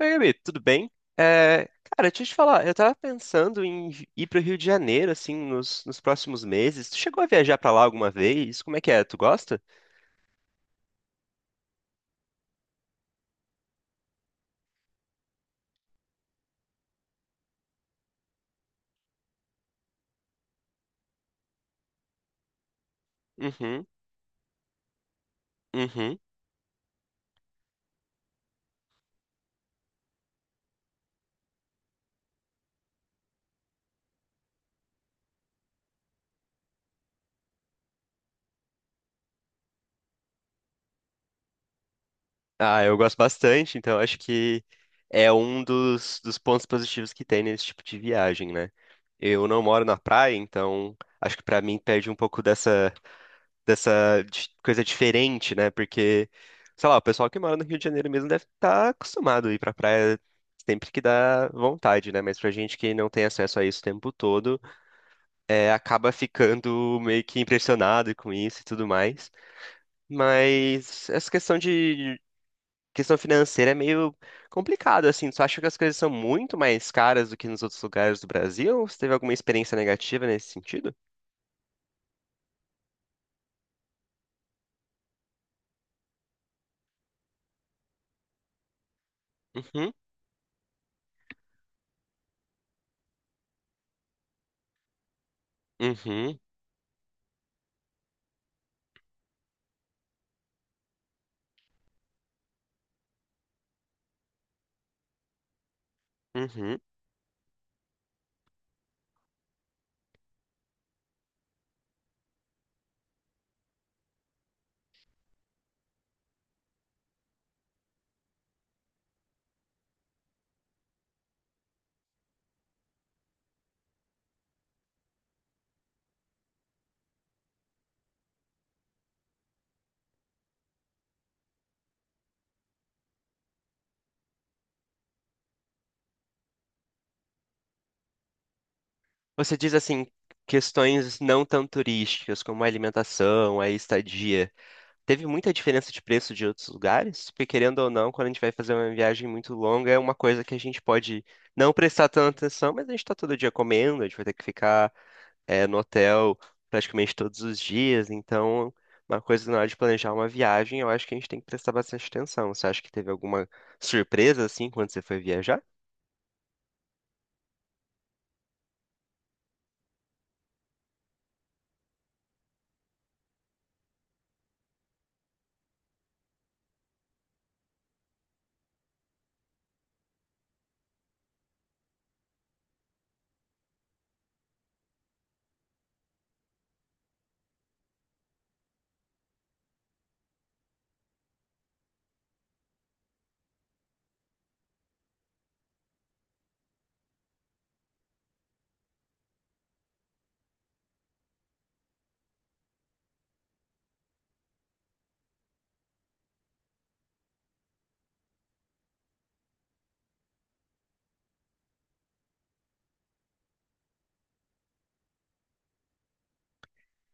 Oi, Gabi, tudo bem? É, cara, deixa eu te falar, eu tava pensando em ir pro Rio de Janeiro, assim, nos próximos meses. Tu chegou a viajar pra lá alguma vez? Como é que é? Tu gosta? Uhum, uhum. Ah, eu gosto bastante, então acho que é um dos pontos positivos que tem nesse tipo de viagem, né? Eu não moro na praia, então acho que pra mim perde um pouco dessa, dessa coisa diferente, né? Porque, sei lá, o pessoal que mora no Rio de Janeiro mesmo deve estar acostumado a ir pra praia sempre que dá vontade, né? Mas pra gente que não tem acesso a isso o tempo todo, é, acaba ficando meio que impressionado com isso e tudo mais. Mas essa questão financeira é meio complicado, assim. Tu acha que as coisas são muito mais caras do que nos outros lugares do Brasil? Ou você teve alguma experiência negativa nesse sentido? Uhum, uhum, uhum. Você diz assim, questões não tão turísticas, como a alimentação, a estadia. Teve muita diferença de preço de outros lugares? Porque, querendo ou não, quando a gente vai fazer uma viagem muito longa, é uma coisa que a gente pode não prestar tanta atenção, mas a gente está todo dia comendo, a gente vai ter que ficar, no hotel praticamente todos os dias. Então, uma coisa na hora de planejar uma viagem, eu acho que a gente tem que prestar bastante atenção. Você acha que teve alguma surpresa, assim, quando você foi viajar?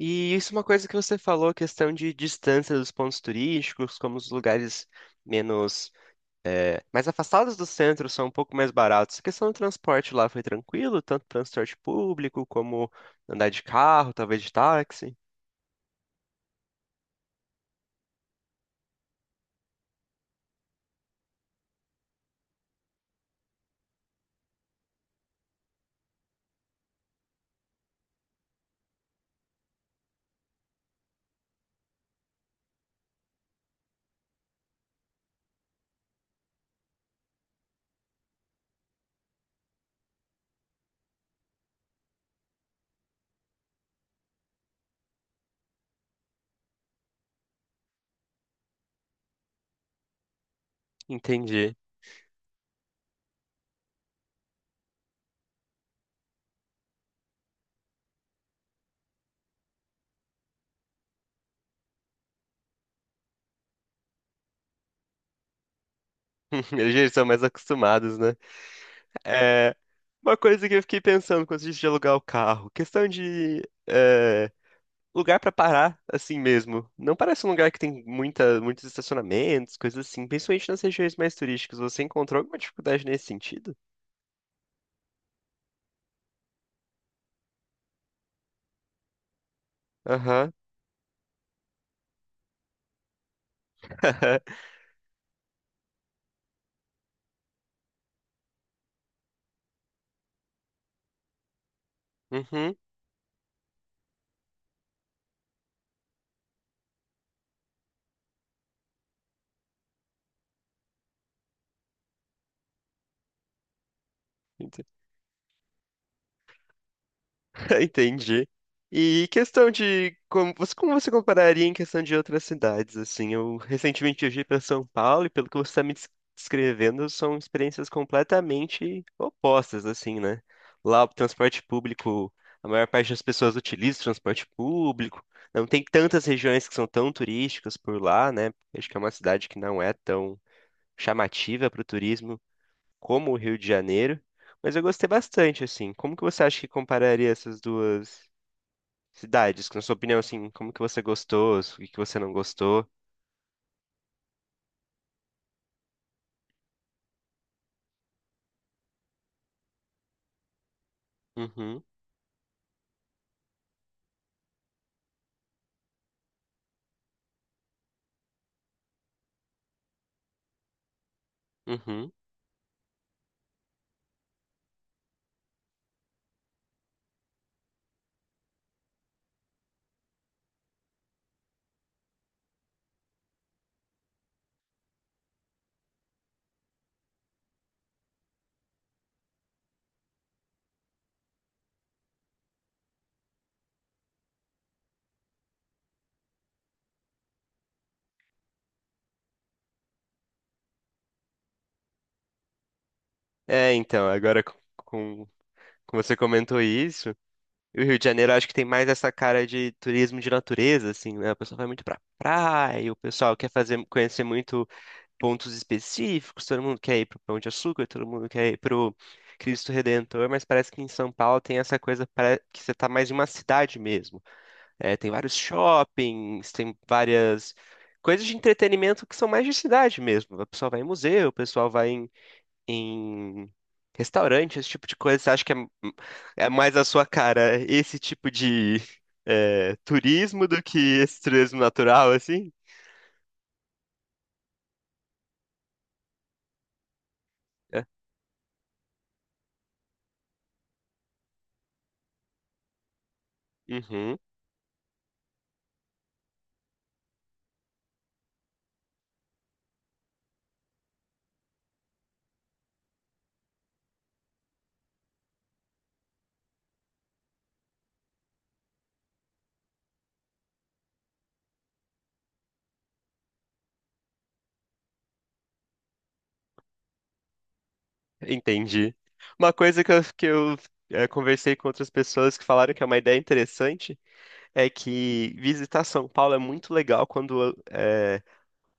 E isso é uma coisa que você falou, questão de distância dos pontos turísticos, como os lugares menos, mais afastados do centro são um pouco mais baratos. A questão do transporte lá foi tranquilo, tanto transporte público como andar de carro, talvez de táxi. Entendi. Eles já são mais acostumados, né? É uma coisa que eu fiquei pensando quando a gente de alugar o carro, questão de é, lugar pra parar assim mesmo. Não parece um lugar que tem muita, muitos estacionamentos, coisas assim. Principalmente nas regiões mais turísticas. Você encontrou alguma dificuldade nesse sentido? Aham. Uhum. Entendi. E questão de como você compararia em questão de outras cidades, assim, eu recentemente viajei para São Paulo e pelo que você está me descrevendo, são experiências completamente opostas, assim, né? Lá o transporte público, a maior parte das pessoas utiliza o transporte público, não tem tantas regiões que são tão turísticas por lá, né? Acho que é uma cidade que não é tão chamativa para o turismo como o Rio de Janeiro. Mas eu gostei bastante, assim. Como que você acha que compararia essas duas? Cidades, na sua opinião, assim, como que você gostou, o que que você não gostou? Uhum, uhum. É, então, agora com você comentou isso, e o Rio de Janeiro acho que tem mais essa cara de turismo de natureza, assim, né? O pessoal vai muito pra praia, o pessoal quer fazer, conhecer muito pontos específicos, todo mundo quer ir pro Pão de Açúcar, todo mundo quer ir pro Cristo Redentor, mas parece que em São Paulo tem essa coisa para que você tá mais em uma cidade mesmo. É, tem vários shoppings, tem várias coisas de entretenimento que são mais de cidade mesmo. O pessoal vai em museu, o pessoal vai em restaurante, esse tipo de coisa. Você acha que é, é mais a sua cara esse tipo de é, turismo do que esse turismo natural, assim? É. Uhum, entendi. Uma coisa que eu é, conversei com outras pessoas que falaram que é uma ideia interessante é que visitar São Paulo é muito legal quando é,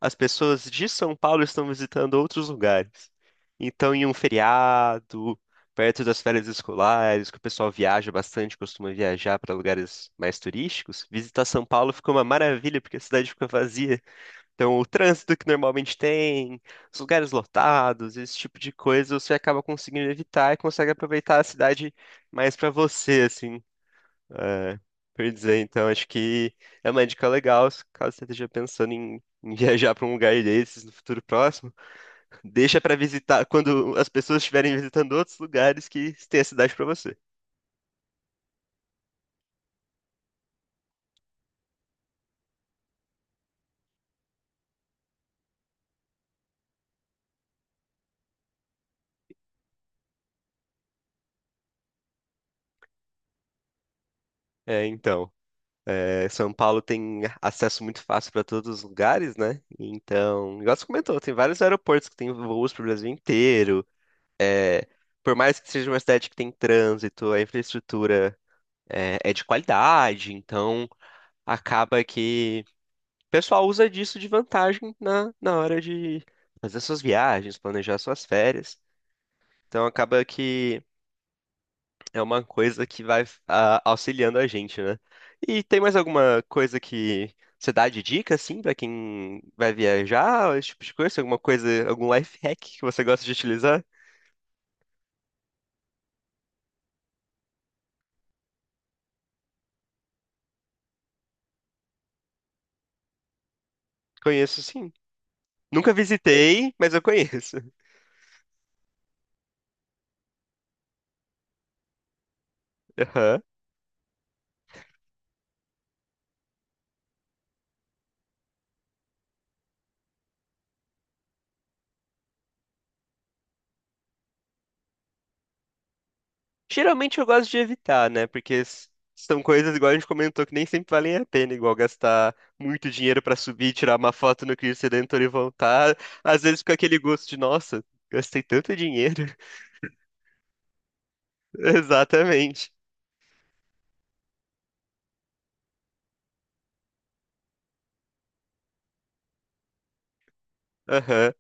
as pessoas de São Paulo estão visitando outros lugares. Então, em um feriado, perto das férias escolares, que o pessoal viaja bastante, costuma viajar para lugares mais turísticos, visitar São Paulo fica uma maravilha, porque a cidade fica vazia. Então, o trânsito que normalmente tem, os lugares lotados, esse tipo de coisa, você acaba conseguindo evitar e consegue aproveitar a cidade mais para você, assim. É, por dizer, então, acho que é uma dica legal, caso você esteja pensando em, em viajar para um lugar desses no futuro próximo, deixa para visitar quando as pessoas estiverem visitando outros lugares que tem a cidade para você. É, então, é, São Paulo tem acesso muito fácil para todos os lugares, né? Então, igual você comentou, tem vários aeroportos que tem voos para o Brasil inteiro. É, por mais que seja uma cidade que tem trânsito, a infraestrutura é de qualidade, então acaba que o pessoal usa disso de vantagem na hora de fazer suas viagens, planejar suas férias. Então acaba que é uma coisa que vai auxiliando a gente, né? E tem mais alguma coisa que você dá de dica, assim, pra quem vai viajar, esse tipo de coisa? Alguma coisa, algum life hack que você gosta de utilizar? Conheço, sim. Nunca visitei, mas eu conheço. Aham. Geralmente eu gosto de evitar, né? Porque são coisas, igual a gente comentou, que nem sempre valem a pena, igual gastar muito dinheiro pra subir, tirar uma foto no Cristo Redentor e voltar. Às vezes fica aquele gosto de, nossa, gastei tanto dinheiro. Exatamente. Aham.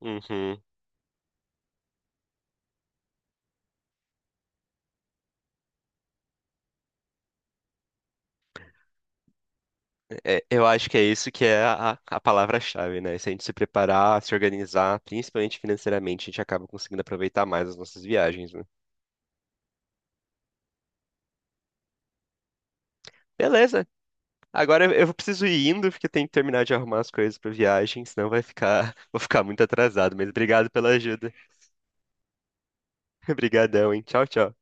Uhum. É, eu acho que é isso que é a palavra-chave, né? Se a gente se preparar, se organizar, principalmente financeiramente, a gente acaba conseguindo aproveitar mais as nossas viagens, né? Beleza. Agora eu preciso ir indo, porque tem que terminar de arrumar as coisas pra viagem, senão vai ficar, vou ficar muito atrasado, mas obrigado pela ajuda. Obrigadão, hein? Tchau, tchau.